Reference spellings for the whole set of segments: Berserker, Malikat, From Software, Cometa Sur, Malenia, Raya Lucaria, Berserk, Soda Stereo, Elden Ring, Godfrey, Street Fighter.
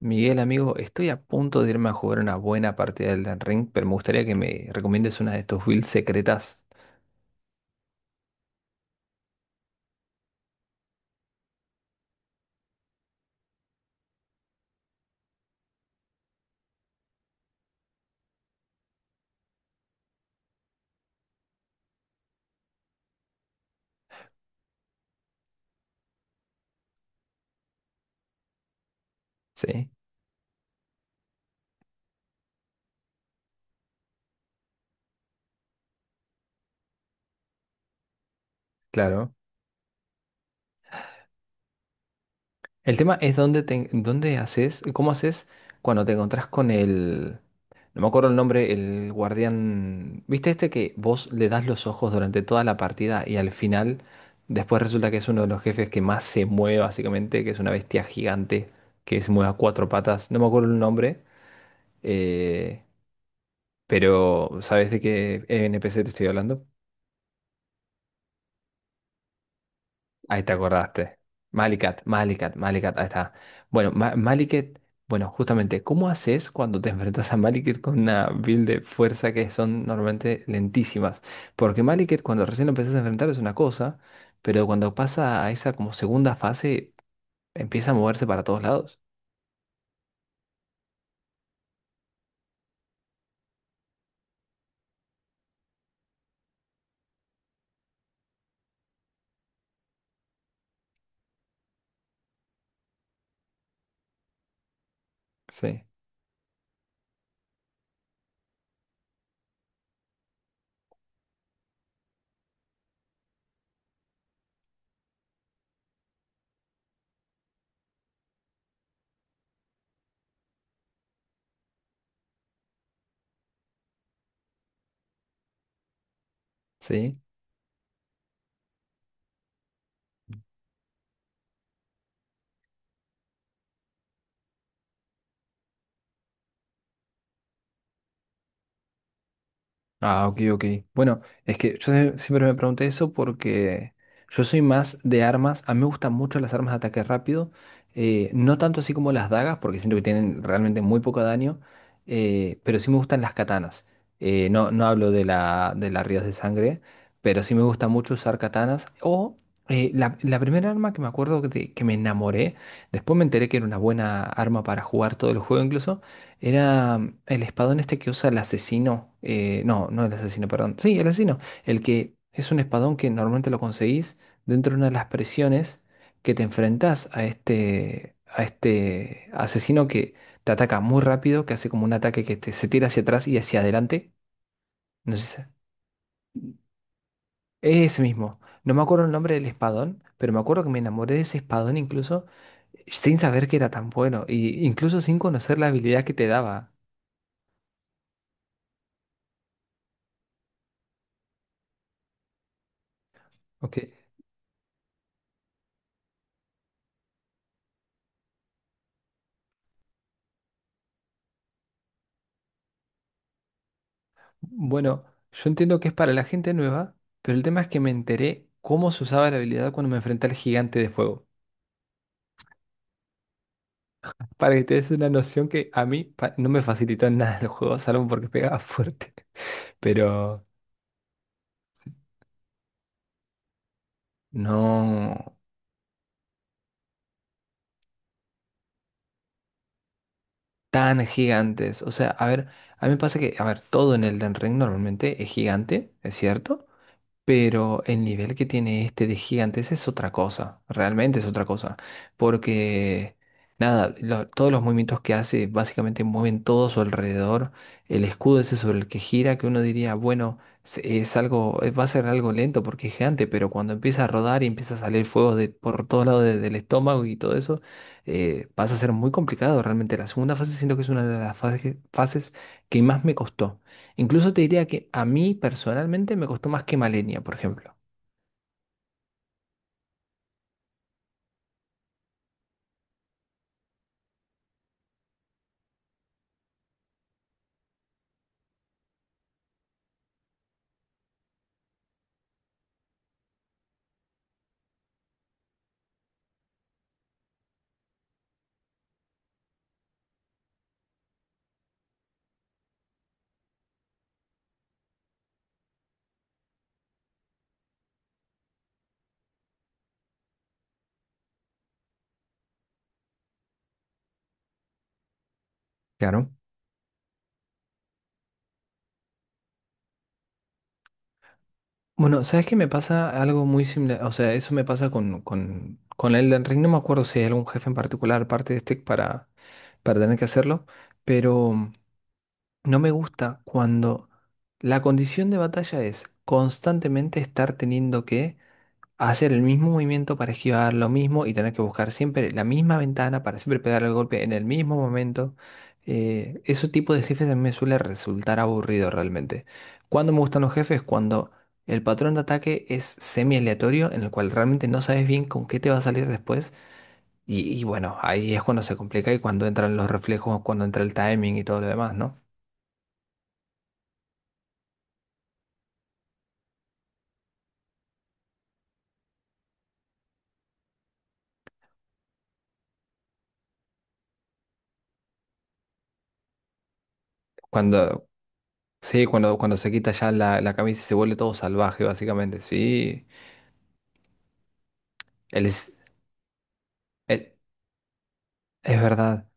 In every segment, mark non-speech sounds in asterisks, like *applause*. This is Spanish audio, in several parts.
Miguel, amigo, estoy a punto de irme a jugar una buena partida del Elden Ring, pero me gustaría que me recomiendes una de estos builds secretas. Sí, claro. El tema es dónde haces, cómo haces cuando te encontrás no me acuerdo el nombre, el guardián. ¿Viste este que vos le das los ojos durante toda la partida y al final, después resulta que es uno de los jefes que más se mueve, básicamente, que es una bestia gigante que se mueve a cuatro patas. No me acuerdo el nombre. Eh, Pero, ¿sabes de qué NPC te estoy hablando? Ahí te acordaste. Malikat, Malikat, Malikat, ahí está. Bueno, Malikat, bueno, justamente, ¿cómo haces cuando te *laughs* enfrentas a Malikat con una build de fuerza que son normalmente lentísimas? Porque Malikat, cuando recién lo empezás a enfrentar, es una cosa, pero cuando pasa a esa como segunda fase, empieza a moverse para todos lados. Sí, sí. Ah, ok, ok. Bueno, es que yo siempre me pregunté eso porque yo soy más de armas. A mí me gustan mucho las armas de ataque rápido. No tanto así como las dagas, porque siento que tienen realmente muy poco daño. Pero sí me gustan las katanas. No, no hablo de de las ríos de sangre, pero sí me gusta mucho usar katanas. O la primera arma que me acuerdo de que me enamoré, después me enteré que era una buena arma para jugar todo el juego incluso. Era el espadón este que usa el asesino. Eh, no, no el asesino, perdón. Sí, el asesino. El que es un espadón que normalmente lo conseguís dentro de una de las presiones que te enfrentás a a este asesino que te ataca muy rápido, que hace como un ataque se tira hacia atrás y hacia adelante. No sé si- Ese mismo. No me acuerdo el nombre del espadón, pero me acuerdo que me enamoré de ese espadón incluso sin saber que era tan bueno, y incluso sin conocer la habilidad que te daba. ¿Ok? Bueno, yo entiendo que es para la gente nueva, pero el tema es que me enteré cómo se usaba la habilidad cuando me enfrenté al gigante de fuego. Para que te des una noción que a mí no me facilitó en nada el juego, salvo porque pegaba fuerte. *laughs* Pero no tan gigantes. O sea, a ver, a mí me pasa que, a ver, todo en Elden Ring normalmente es gigante, es cierto. Pero el nivel que tiene este de gigantes es otra cosa, realmente es otra cosa, porque nada, todos los movimientos que hace básicamente mueven todo a su alrededor, el escudo ese sobre el que gira, que uno diría, bueno, es algo, va a ser algo lento porque es gigante, pero cuando empieza a rodar y empieza a salir fuego de, por todos lados del estómago y todo eso, pasa a ser muy complicado realmente. La segunda fase siento que es una de las fases que más me costó. Incluso te diría que a mí personalmente me costó más que Malenia, por ejemplo. Claro. Bueno, ¿sabes qué? Me pasa algo muy similar. O sea, eso me pasa con Elden Ring. No me acuerdo si hay algún jefe en particular, parte de este, para tener que hacerlo, pero no me gusta cuando la condición de batalla es constantemente estar teniendo que hacer el mismo movimiento para esquivar lo mismo y tener que buscar siempre la misma ventana para siempre pegar el golpe en el mismo momento. Ese tipo de jefes a mí me suele resultar aburrido realmente. Cuando me gustan los jefes, cuando el patrón de ataque es semi aleatorio, en el cual realmente no sabes bien con qué te va a salir después. Y bueno, ahí es cuando se complica y cuando entran los reflejos, cuando entra el timing y todo lo demás, ¿no? Cuando, sí, cuando se quita ya la camisa y se vuelve todo salvaje, básicamente. Sí, él es. el- Es verdad.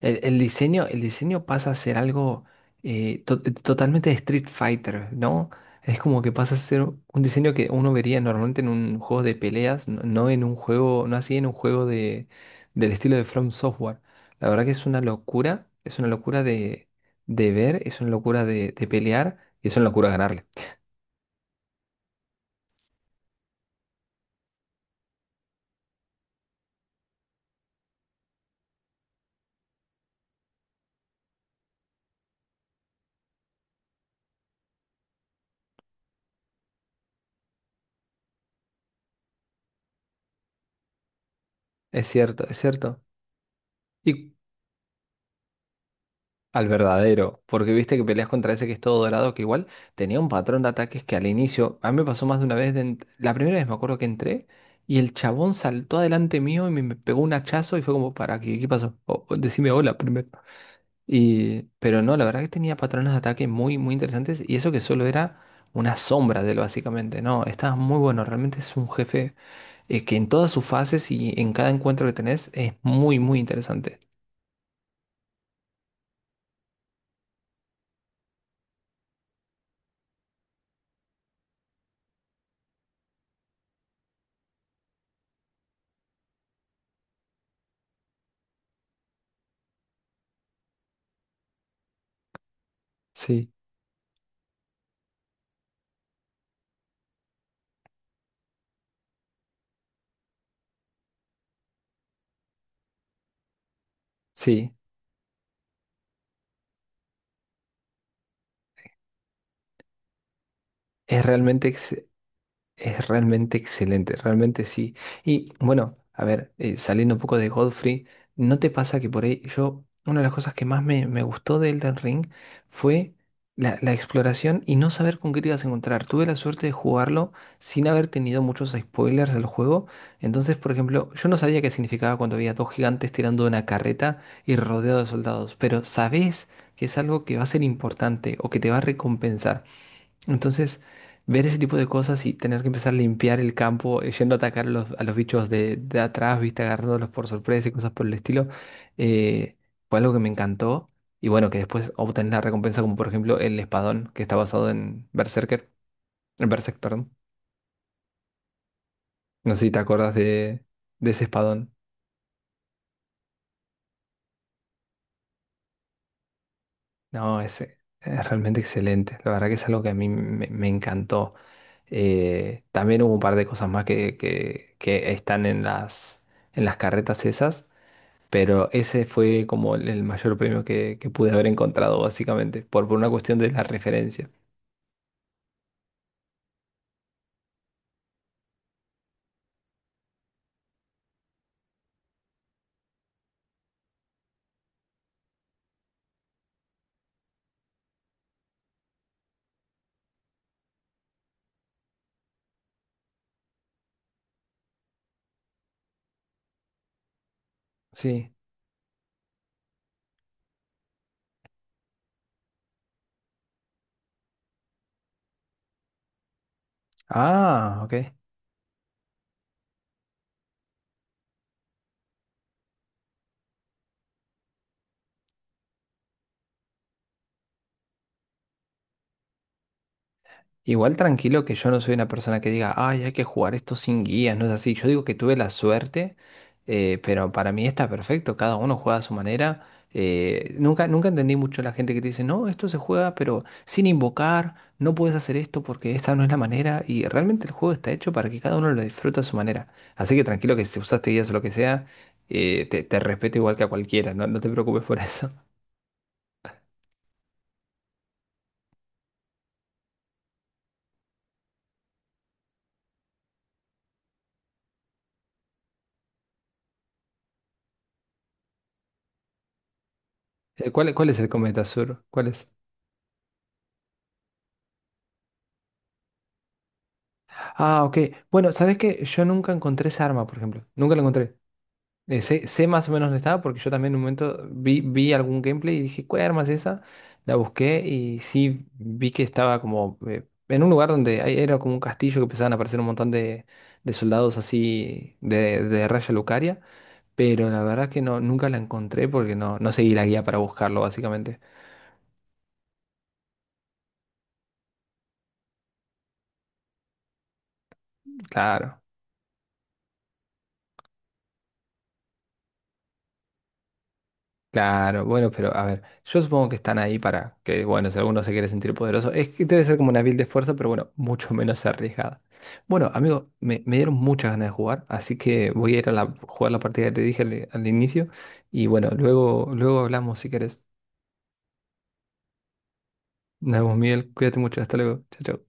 El diseño, el diseño pasa a ser algo totalmente de Street Fighter, ¿no? Es como que pasa a ser un diseño que uno vería normalmente en un juego de peleas, no, no en un juego, no así en un juego de, del estilo de From Software. La verdad que es una locura de ver, es una locura de pelear y es una locura ganarle. Es cierto, es cierto. ¿Y al verdadero? Porque viste que peleas contra ese que es todo dorado, que igual tenía un patrón de ataques que al inicio, a mí me pasó más de una vez, la primera vez me acuerdo que entré y el chabón saltó adelante mío me pegó un hachazo y fue como, ¿para qué? ¿Qué pasó? O decime hola primero. Y, pero no, la verdad que tenía patrones de ataque muy, muy interesantes y eso que solo era una sombra de él básicamente, no, estaba muy bueno, realmente es un jefe que en todas sus fases y en cada encuentro que tenés es muy, muy interesante. Sí, sí. Es realmente ex- Es realmente excelente, realmente sí. Y bueno, a ver, saliendo un poco de Godfrey, ¿no te pasa que por ahí yo, una de las cosas que más me gustó de Elden Ring fue la exploración y no saber con qué te ibas a encontrar? Tuve la suerte de jugarlo sin haber tenido muchos spoilers del juego. Entonces, por ejemplo, yo no sabía qué significaba cuando había dos gigantes tirando una carreta y rodeado de soldados, pero sabés que es algo que va a ser importante o que te va a recompensar. Entonces, ver ese tipo de cosas y tener que empezar a limpiar el campo, yendo a atacar a a los bichos de atrás, viste, agarrándolos por sorpresa y cosas por el estilo, eh, fue algo que me encantó. Y bueno, que después obtenés la recompensa, como por ejemplo el espadón, que está basado en Berserker, en Berserk, perdón. No sé si te acuerdas de ese espadón. No, ese es realmente excelente. La verdad que es algo que a mí me encantó. También hubo un par de cosas más que que están en en las carretas esas. Pero ese fue como el mayor premio que pude haber encontrado, básicamente, por una cuestión de la referencia. Sí. Ah, ok. Igual tranquilo que yo no soy una persona que diga, ay, hay que jugar esto sin guías, no es así. Yo digo que tuve la suerte, pero para mí está perfecto, cada uno juega a su manera. Nunca entendí mucho la gente que te dice, no, esto se juega, pero sin invocar, no puedes hacer esto porque esta no es la manera. Y realmente el juego está hecho para que cada uno lo disfrute a su manera. Así que tranquilo que si usaste guías o lo que sea, te respeto igual que a cualquiera, no, no te preocupes por *laughs* eso. Cuál es el Cometa Sur? ¿Cuál es? Ah, ok. Bueno, ¿sabes qué? Yo nunca encontré esa arma, por ejemplo. Nunca la encontré. Sé más o menos dónde estaba porque yo también en un momento vi algún gameplay y dije, ¿cuál arma es esa? La busqué y sí vi que estaba como en un lugar donde era como un castillo que empezaban a aparecer un montón de soldados así de Raya Lucaria. Pero la verdad que no, nunca la encontré porque no, no seguí la guía para buscarlo, básicamente. Claro. Claro, bueno, pero a ver, yo supongo que están ahí para que, bueno, si alguno se quiere sentir poderoso, es que debe ser como una build de fuerza, pero bueno, mucho menos *laughs* arriesgada. Bueno, amigo, me dieron muchas ganas de jugar, así que voy a ir a jugar la partida que te dije al inicio y bueno, luego hablamos si querés. Nos vemos, Miguel, cuídate mucho, hasta luego, chao, chao.